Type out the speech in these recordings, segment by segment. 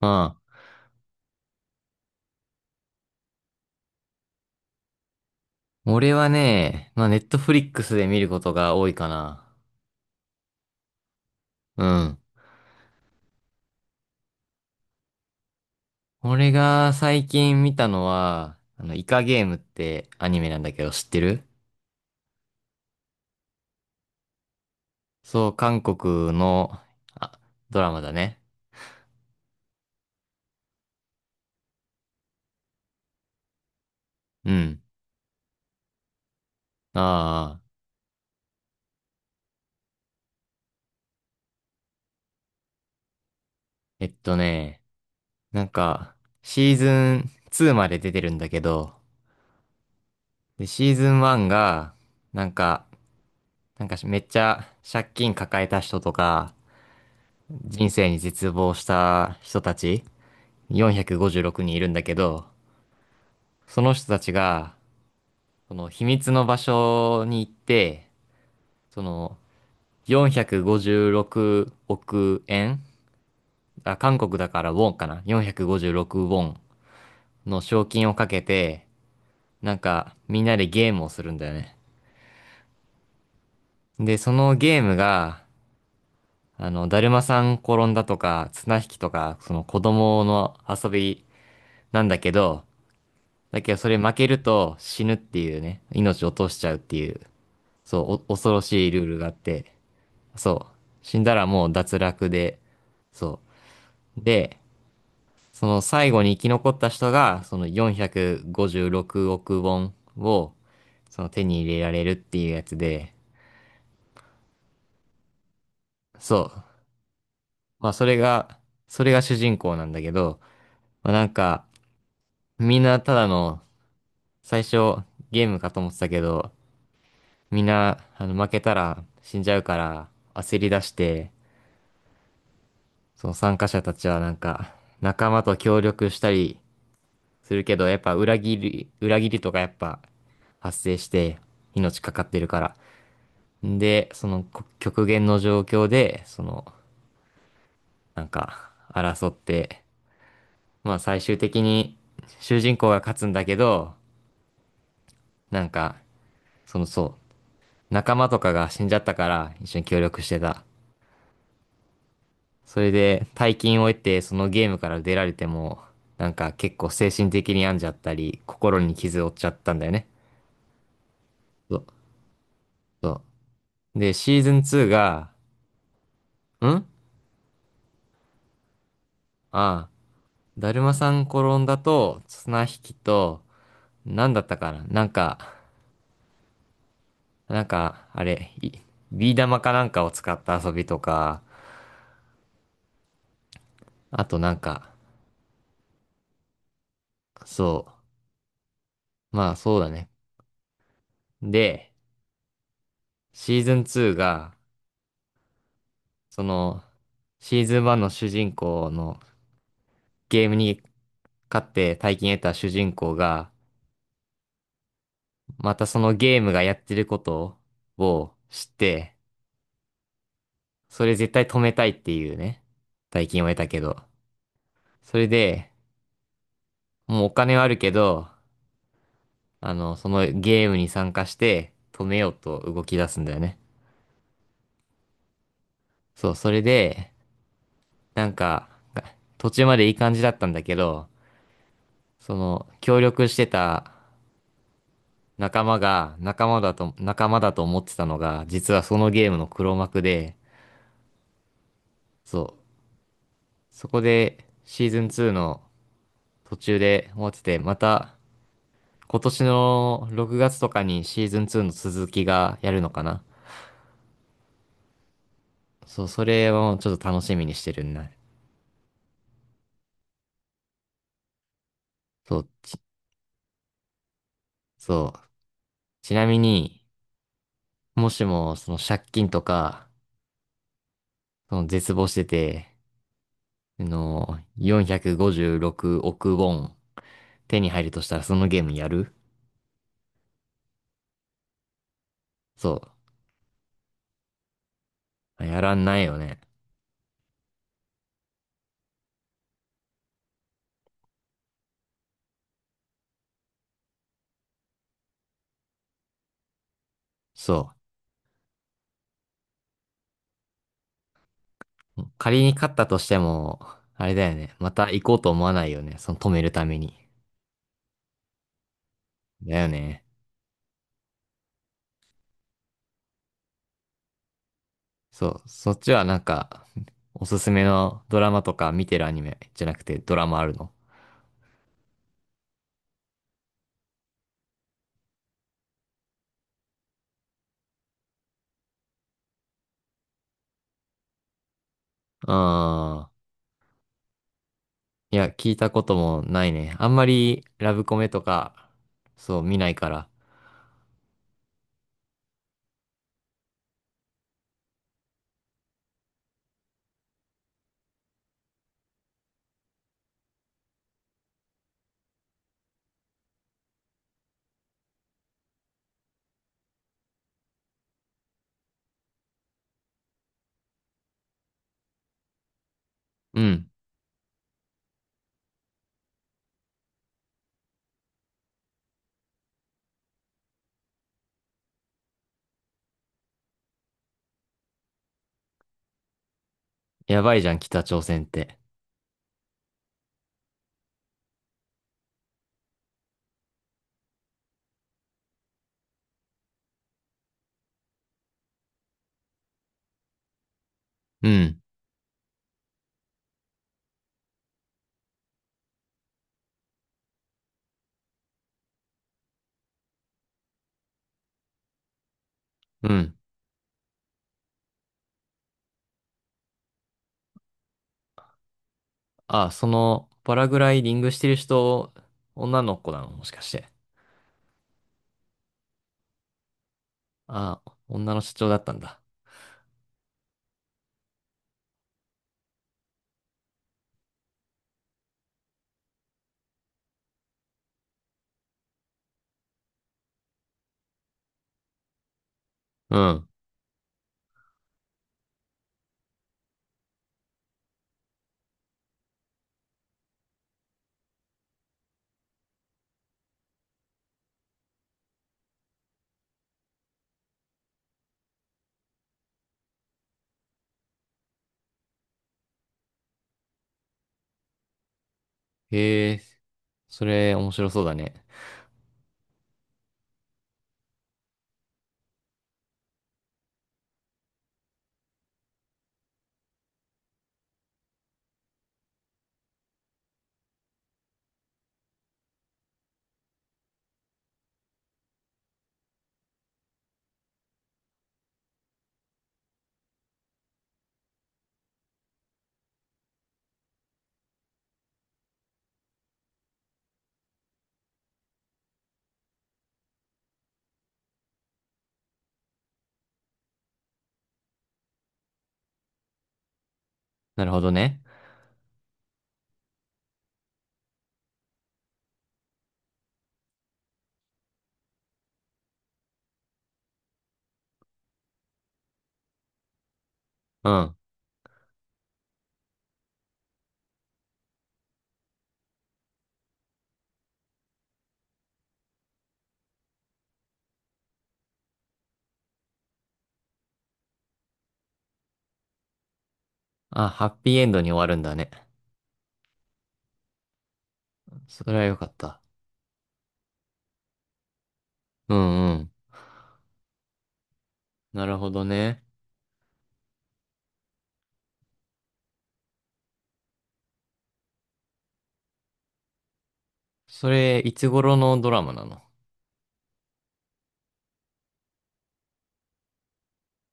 ああ、俺はね、まあ、ネットフリックスで見ることが多いかな。うん。俺が最近見たのは、イカゲームってアニメなんだけど知ってる？そう、韓国の、あ、ドラマだね。うん。ああ、えっとね、なんか、シーズン2まで出てるんだけど、で、シーズン1が、なんか、なんかめっちゃ借金抱えた人とか、人生に絶望した人たち456人いるんだけど、その人たちが、その秘密の場所に行って、その456億円、あ、韓国だからウォンかな？ 456 ウォンの賞金をかけて、なんかみんなでゲームをするんだよね。で、そのゲームが、だるまさん転んだとか、綱引きとか、その子供の遊びなんだけど、だけどそれ負けると死ぬっていうね、命を落としちゃうっていう。そう、お恐ろしいルールがあって、そう、死んだらもう脱落で、そう。で、その最後に生き残った人が、その456億ウォンを、その手に入れられるっていうやつで、そう。まあそれが主人公なんだけど、まあなんか、みんなただの、最初ゲームかと思ってたけど、みんな、負けたら死んじゃうから、焦り出して、その参加者たちはなんか、仲間と協力したりするけど、やっぱ裏切りとかやっぱ発生して、命かかってるから。で、その極限の状況で、その、なんか、争って、まあ最終的に主人公が勝つんだけど、なんか、そう、仲間とかが死んじゃったから一緒に協力してた。それで大金を得てそのゲームから出られても、なんか結構精神的に病んじゃったり、心に傷を負っちゃったんだよね。そうそう。で、シーズン2が、んああ、だるまさん転んだと、綱引きと、なんだったかな、なんか、あれ、ビー玉かなんかを使った遊びとか、あとなんか、そう、まあそうだね。で、シーズン2が、その、シーズン1の主人公のゲームに勝って大金得た主人公が、またそのゲームがやってることを知って、それ絶対止めたいっていうね、大金を得たけど。それで、もうお金はあるけど、そのゲームに参加して止めようと動き出すんだよね。そう、それで、なんか、途中までいい感じだったんだけど、その、協力してた仲間だと思ってたのが、実はそのゲームの黒幕で、そう、そこでシーズン2の途中で終わってて、また今年の6月とかにシーズン2の続きがやるのかな。そう、それをちょっと楽しみにしてるんだ。そう、そう。ちなみに、もしもその借金とか、その絶望してて、456億ウォン手に入るとしたらそのゲームやる？そう。やらんないよね。そう。仮に勝ったとしても、あれだよね。また行こうと思わないよね。その止めるために。だよね。そう。そっちはなんか、おすすめのドラマとか見てるアニメじゃなくてドラマあるの？ああ、いや、聞いたこともないね。あんまりラブコメとか、そう、見ないから。うん。やばいじゃん、北朝鮮って。うん。うん。あ、その、パラグライディングしてる人、女の子なのもしかして？あ、女の社長だったんだ。うん。へえ、それ面白そうだね。なるほどね。うん。あ、ハッピーエンドに終わるんだね。それはよかった。うんうん。なるほどね。それ、いつ頃のドラマなの？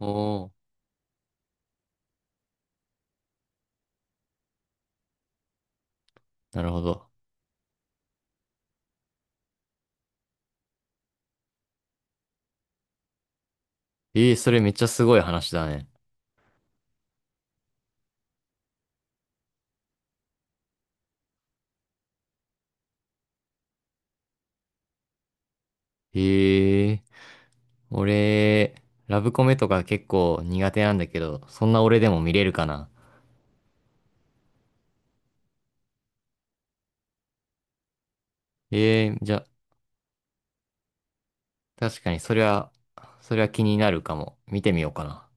おおー、なるほど。えー、それめっちゃすごい話だね。ええ、俺、ラブコメとか結構苦手なんだけど、そんな俺でも見れるかな？ええ、じゃあ、確かにそれは、それは気になるかも。見てみようかな。